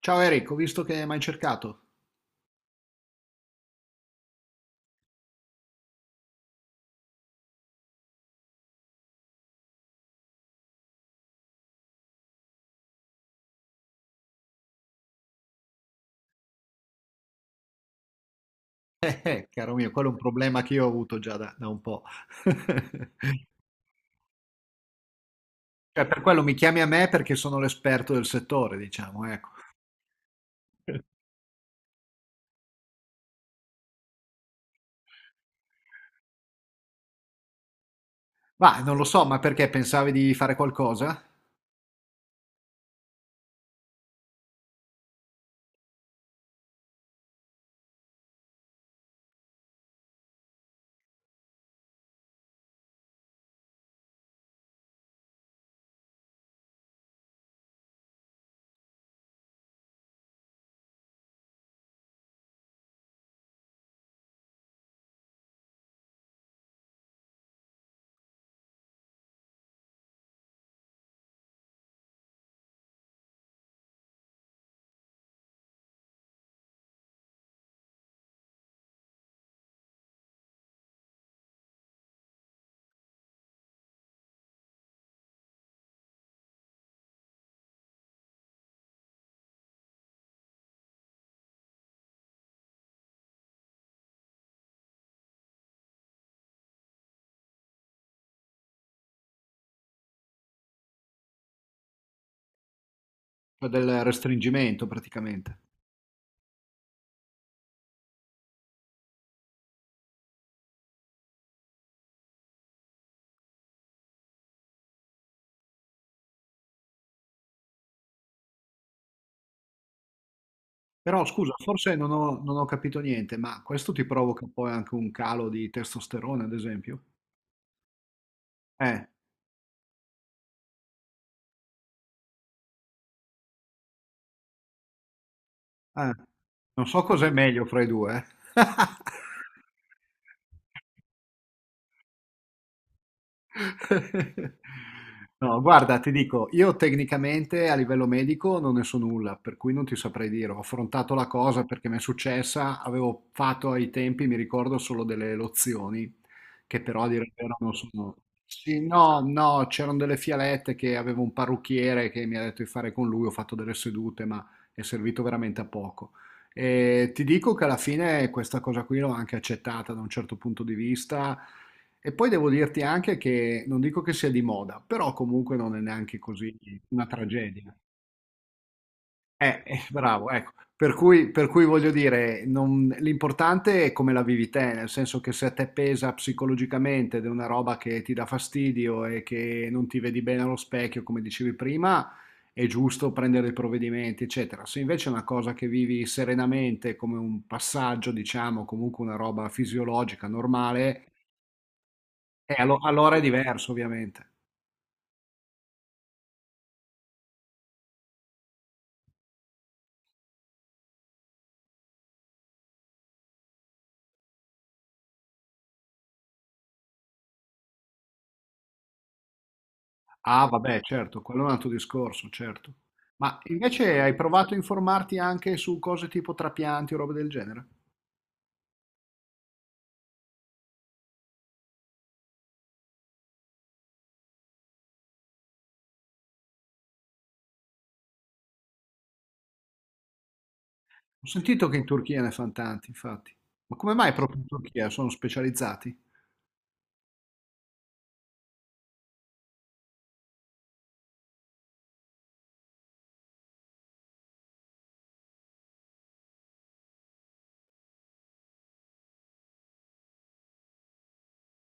Ciao Eric, ho visto che mi hai cercato. Caro mio, quello è un problema che io ho avuto già da un po'. Cioè, per quello mi chiami a me perché sono l'esperto del settore, diciamo, ecco. Ma non lo so, ma perché pensavi di fare qualcosa? Cioè, del restringimento praticamente. Però scusa, forse non ho capito niente, ma questo ti provoca poi anche un calo di testosterone, ad esempio? Eh, eh, non so cos'è meglio fra i due. eh. No, guarda, ti dico, io tecnicamente a livello medico non ne so nulla, per cui non ti saprei dire. Ho affrontato la cosa perché mi è successa, avevo fatto ai tempi, mi ricordo, solo delle lozioni, che però a dire il vero non sono... Sì, no, no, c'erano delle fialette che avevo un parrucchiere che mi ha detto di fare con lui, ho fatto delle sedute, ma è servito veramente a poco. E ti dico che alla fine questa cosa qui l'ho anche accettata da un certo punto di vista e poi devo dirti anche che non dico che sia di moda, però comunque non è neanche così una tragedia. Bravo, ecco. Per cui voglio dire, l'importante è come la vivi te, nel senso che se a te pesa psicologicamente ed è una roba che ti dà fastidio e che non ti vedi bene allo specchio, come dicevi prima, è giusto prendere i provvedimenti, eccetera. Se invece è una cosa che vivi serenamente, come un passaggio, diciamo, comunque una roba fisiologica, normale, allora è diverso, ovviamente. Ah, vabbè, certo, quello è un altro discorso, certo. Ma invece hai provato a informarti anche su cose tipo trapianti o robe del genere? Ho sentito che in Turchia ne fanno tanti, infatti. Ma come mai proprio in Turchia sono specializzati?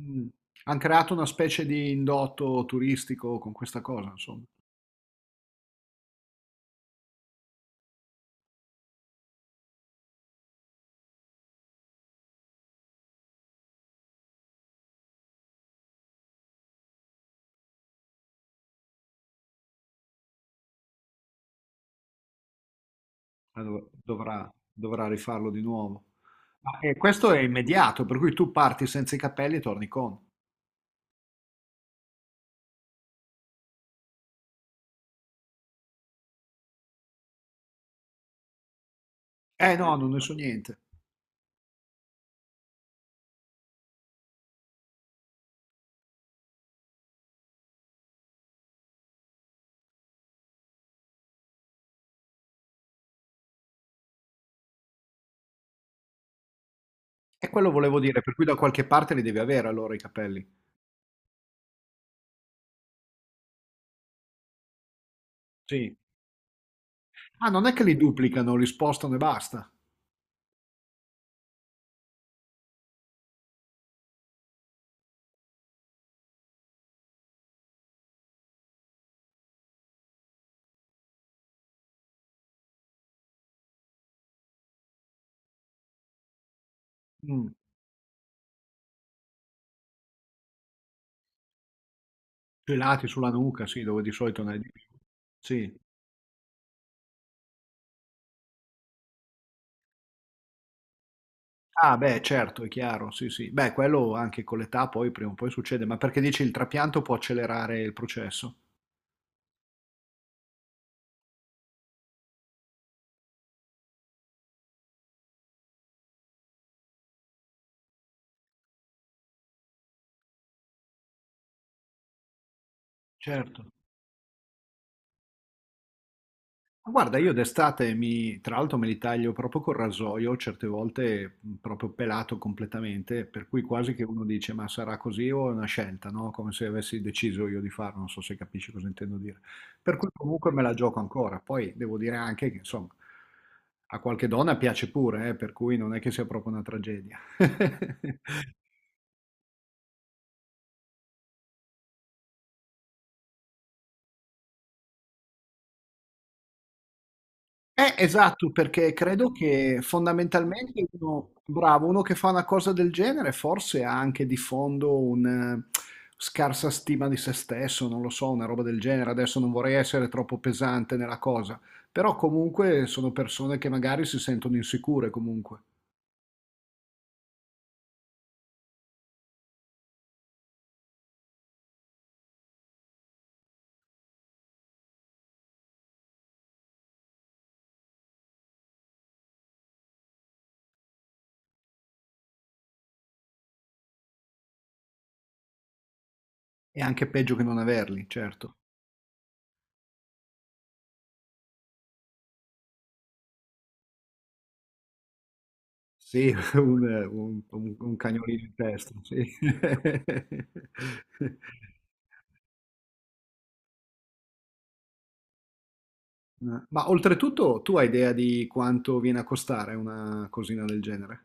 Mm. Hanno creato una specie di indotto turistico con questa cosa, insomma. Dovrà, dovrà rifarlo di nuovo. Ma questo è immediato, per cui tu parti senza i capelli e torni con. Eh no, non ne so niente. E quello volevo dire, per cui da qualche parte li devi avere allora i capelli. Sì. Ah, non è che li duplicano, li spostano e basta. Mm. Pelati sulla nuca, sì, dove di solito ne hai di più. Sì. Ah, beh, certo, è chiaro, sì, sì. Beh, quello anche con l'età poi prima o poi succede, ma perché dici il trapianto può accelerare il processo? Certo. Ma guarda, io d'estate mi, tra l'altro me li taglio proprio col rasoio, certe volte proprio pelato completamente, per cui quasi che uno dice ma sarà così o è una scelta, no? Come se avessi deciso io di farlo, non so se capisci cosa intendo dire. Per cui comunque me la gioco ancora. Poi devo dire anche che insomma a qualche donna piace pure, per cui non è che sia proprio una tragedia. Esatto, perché credo che fondamentalmente uno, bravo, uno che fa una cosa del genere forse ha anche di fondo una scarsa stima di se stesso, non lo so, una roba del genere. Adesso non vorrei essere troppo pesante nella cosa, però comunque sono persone che magari si sentono insicure comunque. È anche peggio che non averli, certo. Sì, un, un cagnolino in testa, sì. Ma oltretutto tu hai idea di quanto viene a costare una cosina del genere?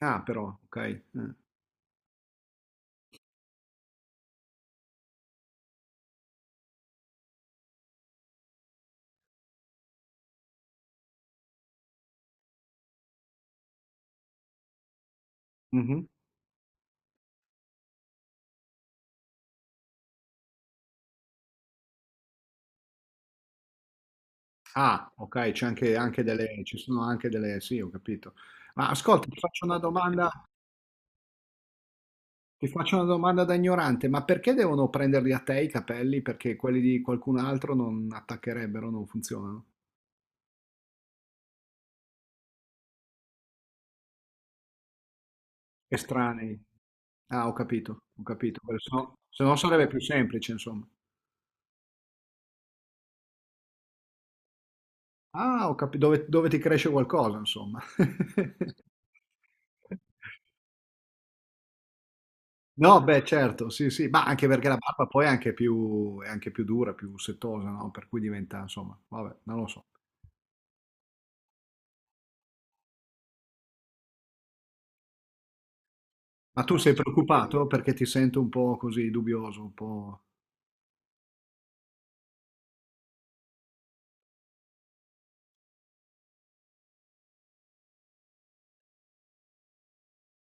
Ah, però, ok. Mhm. Ah, ok, c'è anche, anche delle, ci sono anche delle, sì, ho capito. Ma ascolta, ti faccio una domanda, ti faccio una domanda da ignorante, ma perché devono prenderli a te i capelli? Perché quelli di qualcun altro non attaccherebbero, non funzionano? Estranei. Ah, ho capito, ho capito. Se no se no sarebbe più semplice, insomma. Ah, ho capi dove dove ti cresce qualcosa insomma. No, beh certo, sì, sì, ma anche perché la barba poi è anche più dura, più setosa, no, per cui diventa insomma, vabbè, non lo so. Ma tu sei preoccupato? Perché ti sento un po' così dubbioso, un po'.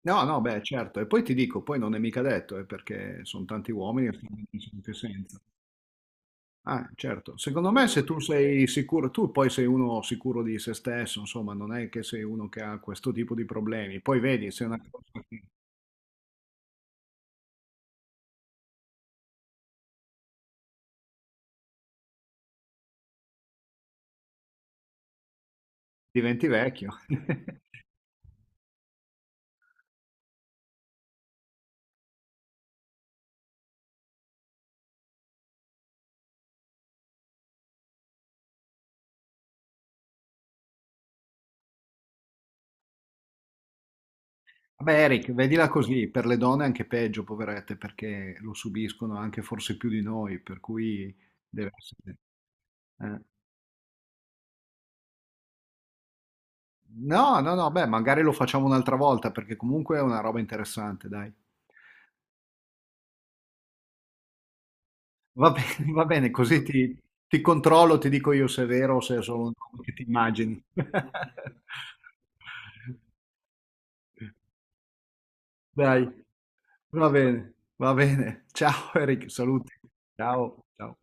No, no, beh certo. E poi ti dico, poi non è mica detto, perché son tanti uomini che stanno anche senza. Ah, certo. Secondo me se tu sei sicuro, tu poi sei uno sicuro di se stesso, insomma, non è che sei uno che ha questo tipo di problemi. Poi vedi, se è una cosa che diventi vecchio. Vabbè, Eric, vedila così, per le donne è anche peggio, poverette, perché lo subiscono anche forse più di noi, per cui deve essere... eh. No, no, no, beh, magari lo facciamo un'altra volta, perché comunque è una roba interessante, dai. Va bene, così ti, ti controllo, ti dico io se è vero o se è solo un nome che ti immagini. Dai, va bene, va bene. Ciao Eric, saluti. Ciao, ciao.